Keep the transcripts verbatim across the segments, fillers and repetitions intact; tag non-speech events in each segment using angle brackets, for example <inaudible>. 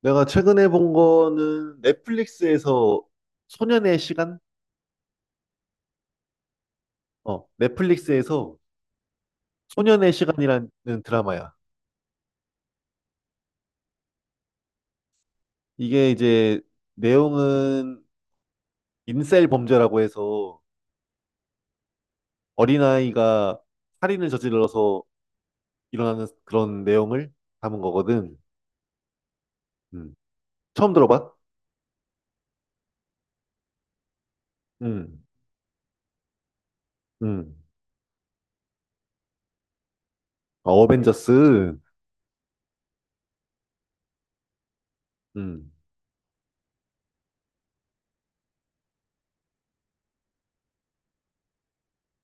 내가 최근에 본 거는 넷플릭스에서 소년의 시간? 어, 넷플릭스에서 소년의 시간이라는 드라마야. 이게 이제 내용은 인셀 범죄라고 해서 어린아이가 살인을 저질러서 일어나는 그런 내용을 담은 거거든. 음. 처음 들어봐? 음, 음. 어, 어벤져스. 음,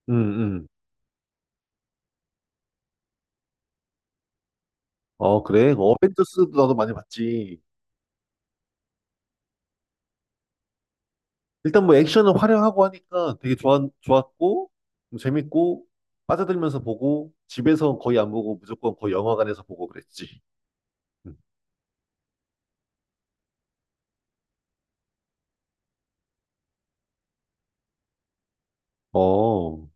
음, 음. 어, 그래. 뭐 어벤져스도 나도 많이 봤지. 일단 뭐 액션은 화려하고 하니까 되게 좋았, 좋았고, 뭐 재밌고, 빠져들면서 보고, 집에서 거의 안 보고 무조건 거의 영화관에서 보고 그랬지. 음. 어,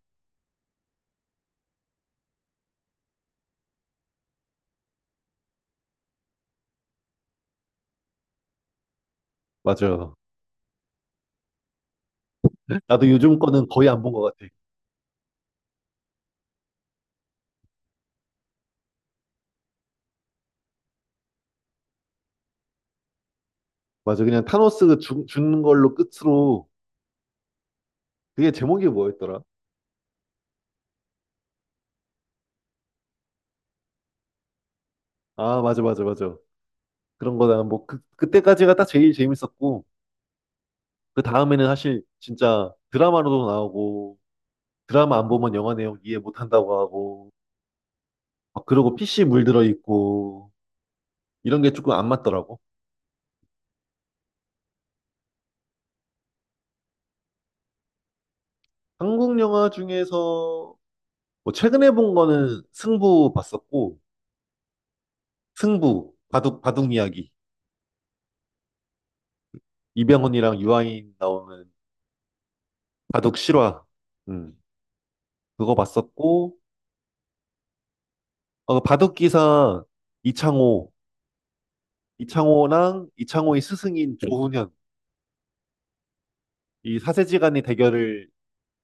맞아. 나도 요즘 거는 거의 안 본 것 같아. 맞아. 그냥 타노스 죽, 죽는 걸로 끝으로, 그게 제목이 뭐였더라? 아, 맞아, 맞아, 맞아. 그런 거다. 뭐, 그, 그때까지가 딱 제일 재밌었고, 그 다음에는 사실 진짜 드라마로도 나오고, 드라마 안 보면 영화 내용 이해 못 한다고 하고, 막 그러고 피시 물들어 있고, 이런 게 조금 안 맞더라고. 한국 영화 중에서 뭐 최근에 본 거는 승부 봤었고, 승부, 바둑, 바둑 이야기. 이병헌이랑 유아인 나오는 바둑 실화. 음, 그거 봤었고, 어, 바둑 기사 이창호, 이창호랑 이창호의 스승인 조훈현. 이 사세지간의 대결을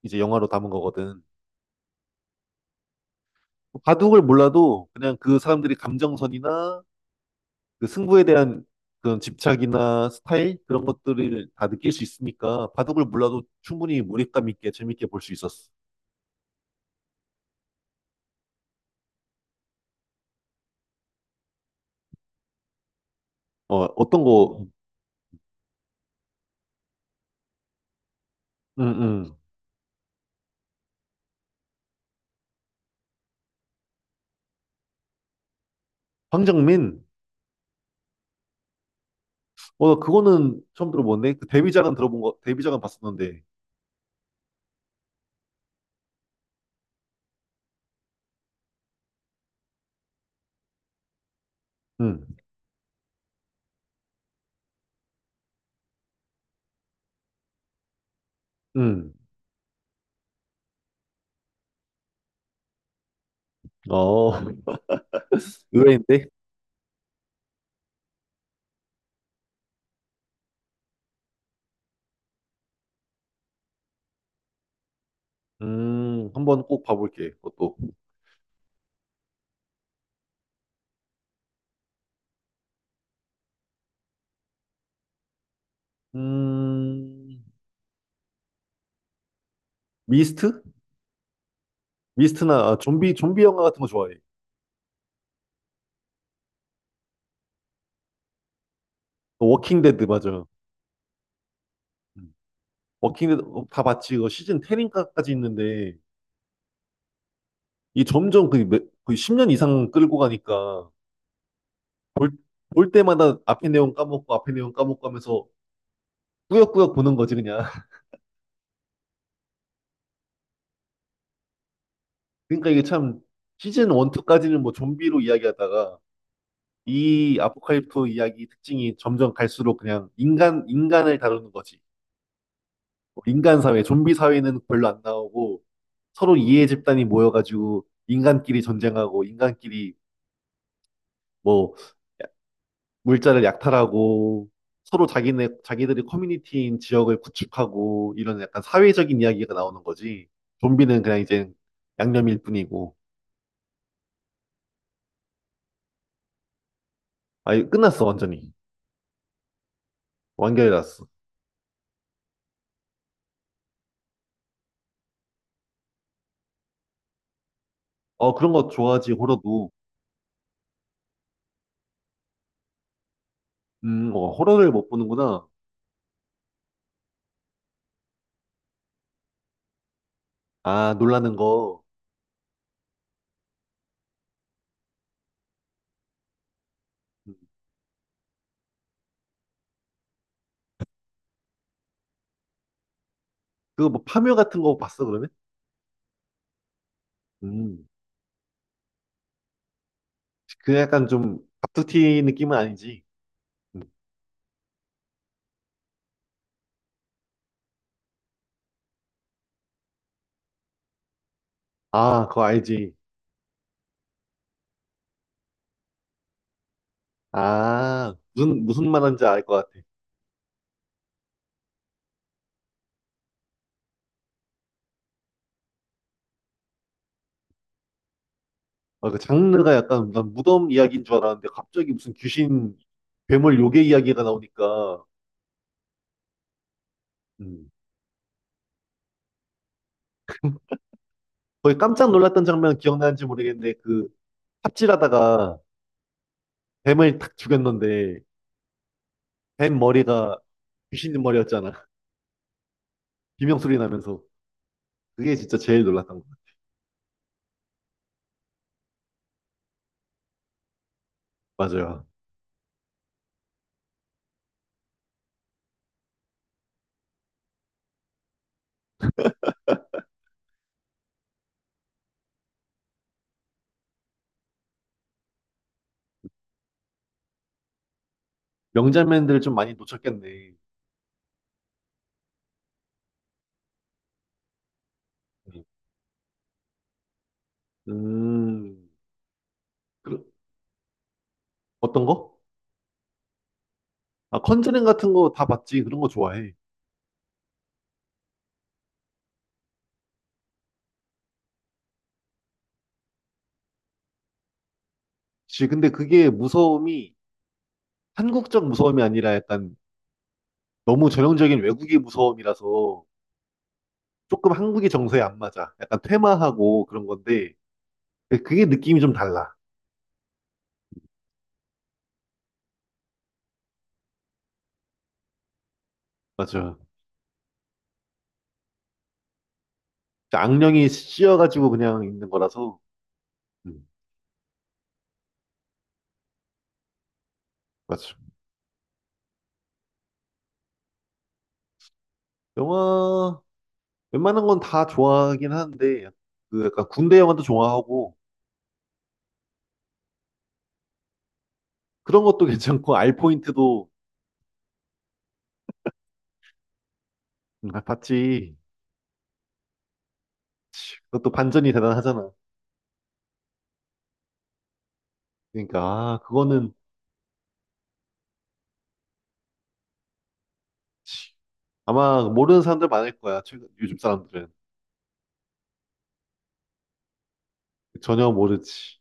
이제 영화로 담은 거거든. 바둑을 몰라도 그냥 그 사람들이 감정선이나 그 승부에 대한 그런 집착이나 스타일 그런 것들을 다 느낄 수 있으니까 바둑을 몰라도 충분히 몰입감 있게 재밌게 볼 수 있었어. 어, 어떤 거, 응응. 황정민? 어, 그거는 처음 들어보는데 그 데뷔작은 들어본 거, 데뷔작은 봤었는데, 응응 어, <laughs> 의외인데, 음, 한번 꼭 봐볼게. 그것도, 음, 미스트? 미스트나 아, 좀비 좀비 영화 같은 거 좋아해. 그 워킹 데드 맞아. 음. 워킹데드 다 봤지. 이거 시즌 십인가까지 있는데 이 점점 그 몇- 거의 십 년 이상 끌고 가니까 볼, 볼 때마다 앞에 내용 까먹고 앞에 내용 까먹고 하면서 꾸역꾸역 보는 거지 그냥. <laughs> 그러니까 이게 참 시즌 일, 이까지는 뭐 좀비로 이야기하다가 이 아포칼립토 이야기 특징이 점점 갈수록 그냥 인간 인간을 다루는 거지. 뭐 인간 사회, 좀비 사회는 별로 안 나오고 서로 이해 집단이 모여가지고 인간끼리 전쟁하고 인간끼리 뭐 물자를 약탈하고 서로 자기네 자기들이 커뮤니티인 지역을 구축하고 이런 약간 사회적인 이야기가 나오는 거지. 좀비는 그냥 이제 양념일 뿐이고. 아, 이거 끝났어 완전히. 완결이 났어. 어, 그런 거 좋아하지 호러도. 음, 어, 호러를 못 보는구나. 아 놀라는 거. 음, 그거 뭐 파묘 같은 거 봤어 그러면? 음, 그 약간 좀 갑툭튀 느낌은 아니지. 음. 아 그거 알지. 아 무슨 무슨 말하는지 알 것 같아. 아, 그 장르가 약간 난 무덤 이야기인 줄 알았는데 갑자기 무슨 귀신, 괴물, 요괴 이야기가 나오니까 음. 거의 깜짝 놀랐던 장면 기억나는지 모르겠는데 그 삽질하다가 뱀을 탁 죽였는데 뱀 머리가 귀신 머리였잖아. <laughs> 비명 소리 나면서 그게 진짜 제일 놀랐던 거 같아. 맞아요. 명장면들을 좀 많이 놓쳤겠네. 음, 그, 어떤 거? 아, 컨저링 같은 거 다 봤지. 그런 거 좋아해. 지 근데 그게 무서움이 한국적 무서움이 아니라 약간 너무 전형적인 외국의 무서움이라서 조금 한국의 정서에 안 맞아. 약간 퇴마하고 그런 건데 그게 느낌이 좀 달라. 맞아. 악령이 씌어가지고 그냥 있는 거라서 음, 맞아. 영화 웬만한 건 다 좋아하긴 하는데 그 약간 군대 영화도 좋아하고 그런 것도 <laughs> 괜찮고 알 포인트도 음, 아, 봤지. 그것도 반전이 대단하잖아. 그러니까 아, 그거는 아마 모르는 사람들 많을 거야. 최근 요즘 사람들은 전혀 모르지.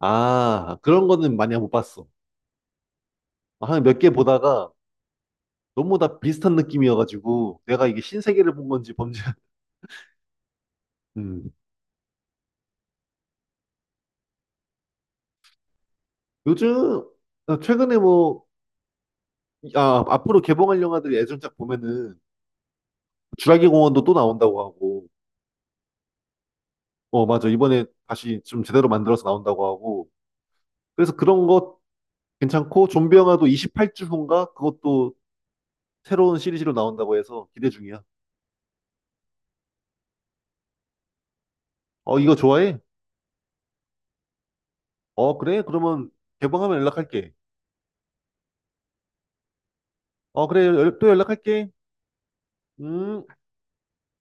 아, 그런 거는 많이 못 봤어. 한 몇 개 보다가 너무 다 비슷한 느낌이어가지고 내가 이게 신세계를 본 건지 범죄. <laughs> 음. 요즘 아, 최근에 뭐 아, 앞으로 개봉할 영화들이 예전작 보면은 주라기 공원도 또 나온다고 하고 어 맞아 이번에 다시 좀 제대로 만들어서 나온다고 하고 그래서 그런 것 괜찮고 좀비 영화도 이십팔 주 후인가 그것도 새로운 시리즈로 나온다고 해서 기대 중이야. 어 이거 좋아해? 어 그래? 그러면 개봉하면 연락할게. 어 그래 연- 또 연락할게. 음.